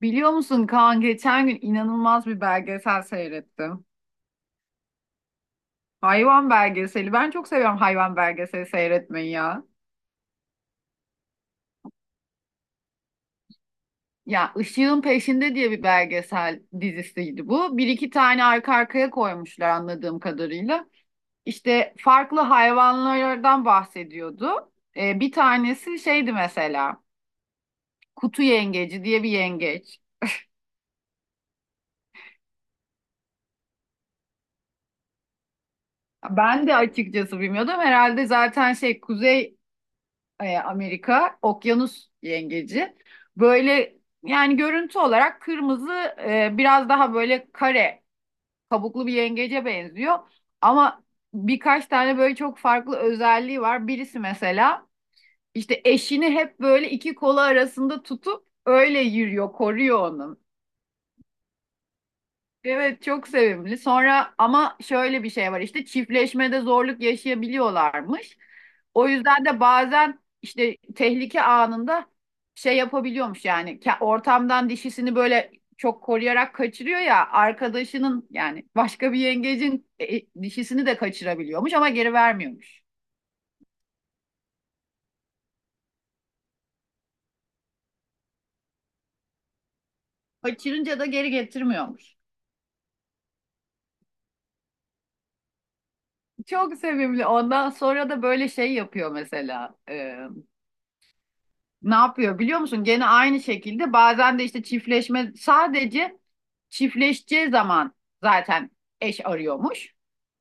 Biliyor musun Kaan geçen gün inanılmaz bir belgesel seyrettim. Hayvan belgeseli. Ben çok seviyorum hayvan belgeseli seyretmeyi ya. Ya Işığın Peşinde diye bir belgesel dizisiydi bu. Bir iki tane arka arkaya koymuşlar anladığım kadarıyla. İşte farklı hayvanlardan bahsediyordu. Bir tanesi şeydi mesela kutu yengeci diye bir yengeç. Ben de açıkçası bilmiyordum. Herhalde zaten şey Kuzey Amerika, okyanus yengeci. Böyle yani görüntü olarak kırmızı biraz daha böyle kare kabuklu bir yengece benziyor. Ama birkaç tane böyle çok farklı özelliği var. Birisi mesela işte eşini hep böyle iki kolu arasında tutup öyle yürüyor, koruyor onu. Evet, çok sevimli. Sonra ama şöyle bir şey var, işte çiftleşmede zorluk yaşayabiliyorlarmış. O yüzden de bazen işte tehlike anında şey yapabiliyormuş yani ortamdan dişisini böyle çok koruyarak kaçırıyor ya arkadaşının yani başka bir yengecin dişisini de kaçırabiliyormuş ama geri vermiyormuş. Kaçırınca da geri getirmiyormuş. Çok sevimli. Ondan sonra da böyle şey yapıyor mesela. Ne yapıyor biliyor musun? Gene aynı şekilde bazen de işte çiftleşme sadece çiftleşeceği zaman zaten eş arıyormuş.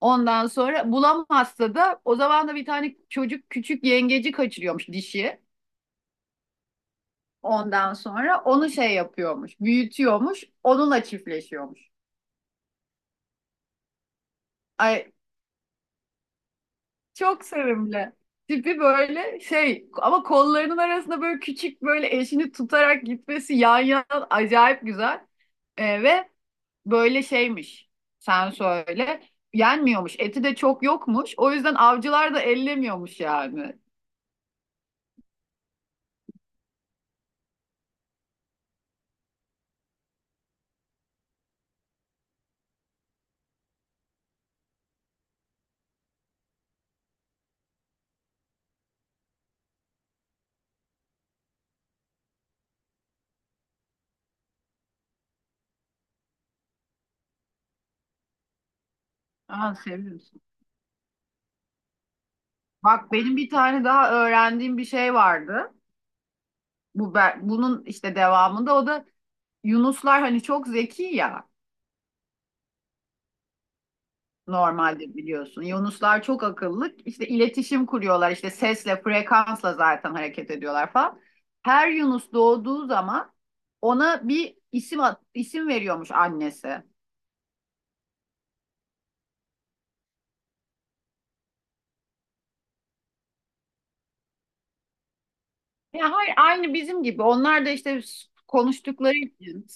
Ondan sonra bulamazsa da o zaman da bir tane çocuk küçük yengeci kaçırıyormuş dişi. Ondan sonra onu şey yapıyormuş, büyütüyormuş, onunla çiftleşiyormuş. Ay, çok sevimli. Tipi böyle şey ama kollarının arasında böyle küçük böyle eşini tutarak gitmesi yan yana acayip güzel. Ve böyle şeymiş. Sen söyle. Yenmiyormuş. Eti de çok yokmuş. O yüzden avcılar da ellemiyormuş yani. Aa, seviyorsun. Bak benim bir tane daha öğrendiğim bir şey vardı. Bu bunun işte devamında o da Yunuslar hani çok zeki ya, normalde biliyorsun. Yunuslar çok akıllı. İşte iletişim kuruyorlar. İşte sesle, frekansla zaten hareket ediyorlar falan. Her Yunus doğduğu zaman ona bir isim isim veriyormuş annesi. Ya hayır, aynı bizim gibi. Onlar da işte konuştukları için.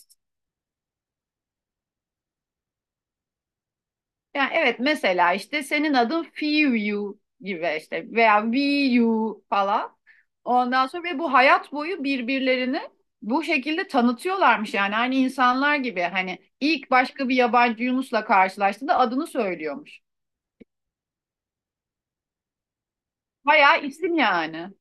Yani evet, mesela işte senin adın Fiyu gibi, işte veya Viyu falan. Ondan sonra ve bu hayat boyu birbirlerini bu şekilde tanıtıyorlarmış yani aynı insanlar gibi, hani ilk başka bir yabancı Yunus'la karşılaştığında adını söylüyormuş. Bayağı isim yani.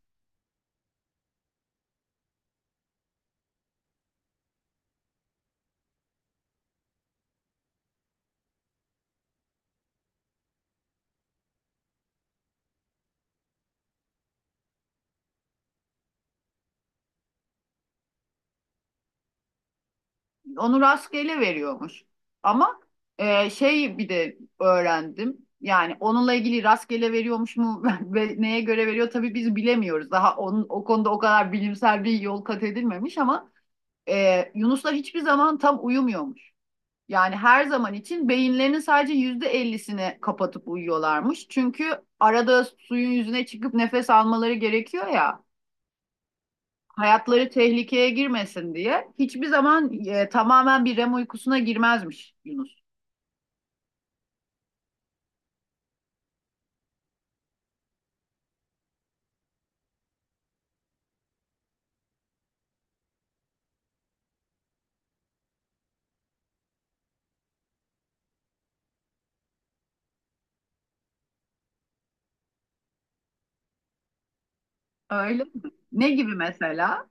Onu rastgele veriyormuş. Ama şey, bir de öğrendim. Yani onunla ilgili rastgele veriyormuş mu ve neye göre veriyor tabii biz bilemiyoruz. Daha onun o konuda o kadar bilimsel bir yol kat edilmemiş ama yunuslar hiçbir zaman tam uyumuyormuş. Yani her zaman için beyinlerinin sadece %50'sini kapatıp uyuyorlarmış. Çünkü arada suyun yüzüne çıkıp nefes almaları gerekiyor ya, hayatları tehlikeye girmesin diye hiçbir zaman tamamen bir REM uykusuna girmezmiş Yunus. Öyle mi? Ne gibi mesela?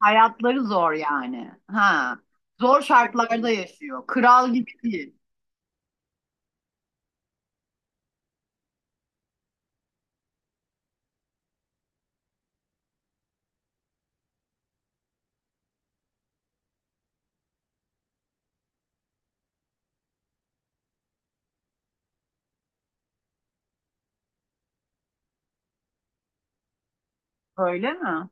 Hayatları zor yani. Ha. Zor şartlarda yaşıyor. Kral gibi değil. Öyle mi?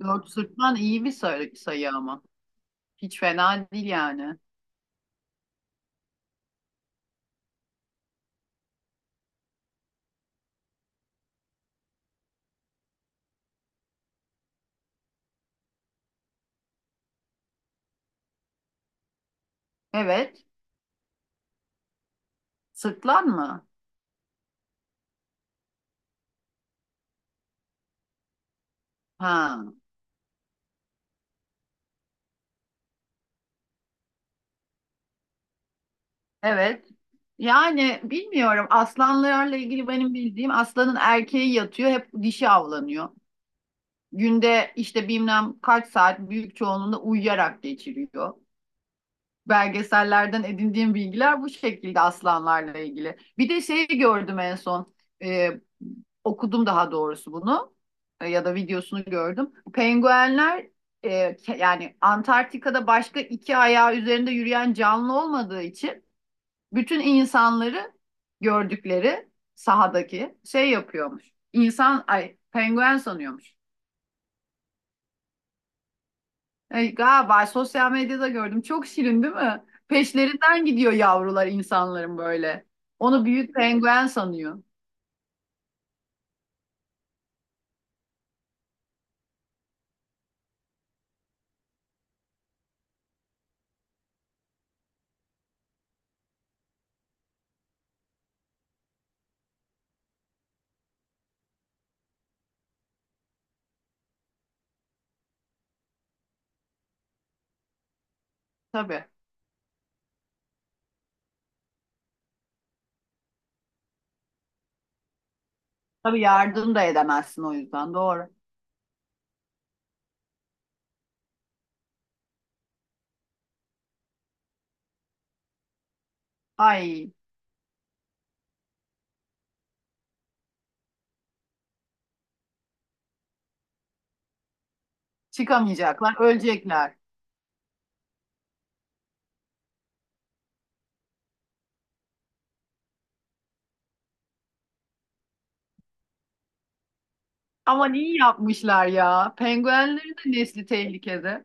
Dört sırtlan iyi bir sayı, sayı ama. Hiç fena değil yani. Evet. Sırtlan mı? Ha. Evet. Yani bilmiyorum. Aslanlarla ilgili benim bildiğim, aslanın erkeği yatıyor hep, dişi avlanıyor. Günde işte bilmem kaç saat büyük çoğunluğunda uyuyarak geçiriyor. Belgesellerden edindiğim bilgiler bu şekilde aslanlarla ilgili. Bir de şeyi gördüm en son. Ee, okudum daha doğrusu bunu. Ya da videosunu gördüm. Penguenler e, yani Antarktika'da başka iki ayağı üzerinde yürüyen canlı olmadığı için bütün insanları gördükleri sahadaki şey yapıyormuş. İnsan, ay penguen sanıyormuş. Ay, galiba sosyal medyada gördüm. Çok şirin değil mi? Peşlerinden gidiyor yavrular insanların, böyle. Onu büyük penguen sanıyor. Tabii. Tabii yardım da edemezsin o yüzden. Doğru. Ay, çıkamayacaklar, ölecekler. Aman, iyi yapmışlar ya. Penguenlerin de nesli tehlikede.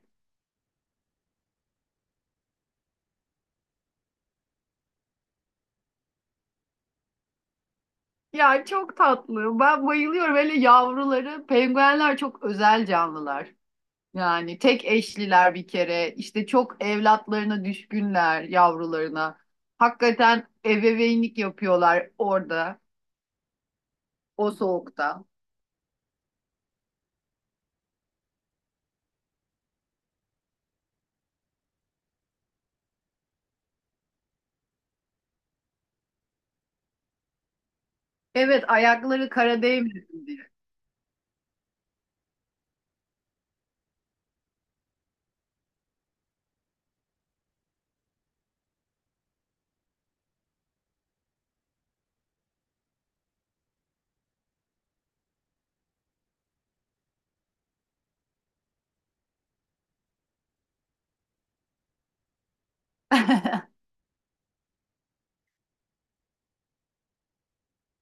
Ya çok tatlı. Ben bayılıyorum. Hele yavruları. Penguenler çok özel canlılar. Yani tek eşliler bir kere, işte çok evlatlarına düşkünler, yavrularına. Hakikaten ebeveynlik yapıyorlar orada, o soğukta. Evet, ayakları kara değmesin diye.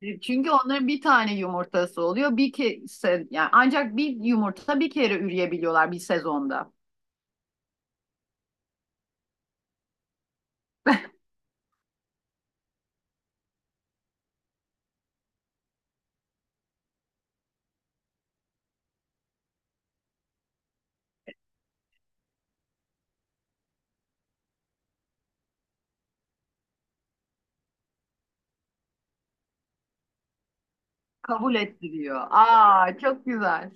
Çünkü onların bir tane yumurtası oluyor. Bir kese, yani ancak bir yumurta bir kere üreyebiliyorlar bir sezonda. Kabul ettiriyor. Aa, çok güzel.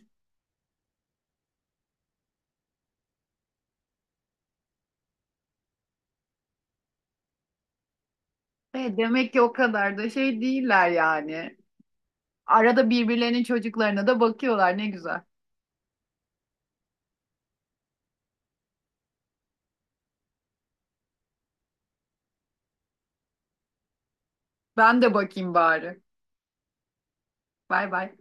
Demek ki o kadar da şey değiller yani. Arada birbirlerinin çocuklarına da bakıyorlar. Ne güzel. Ben de bakayım bari. Bay bay.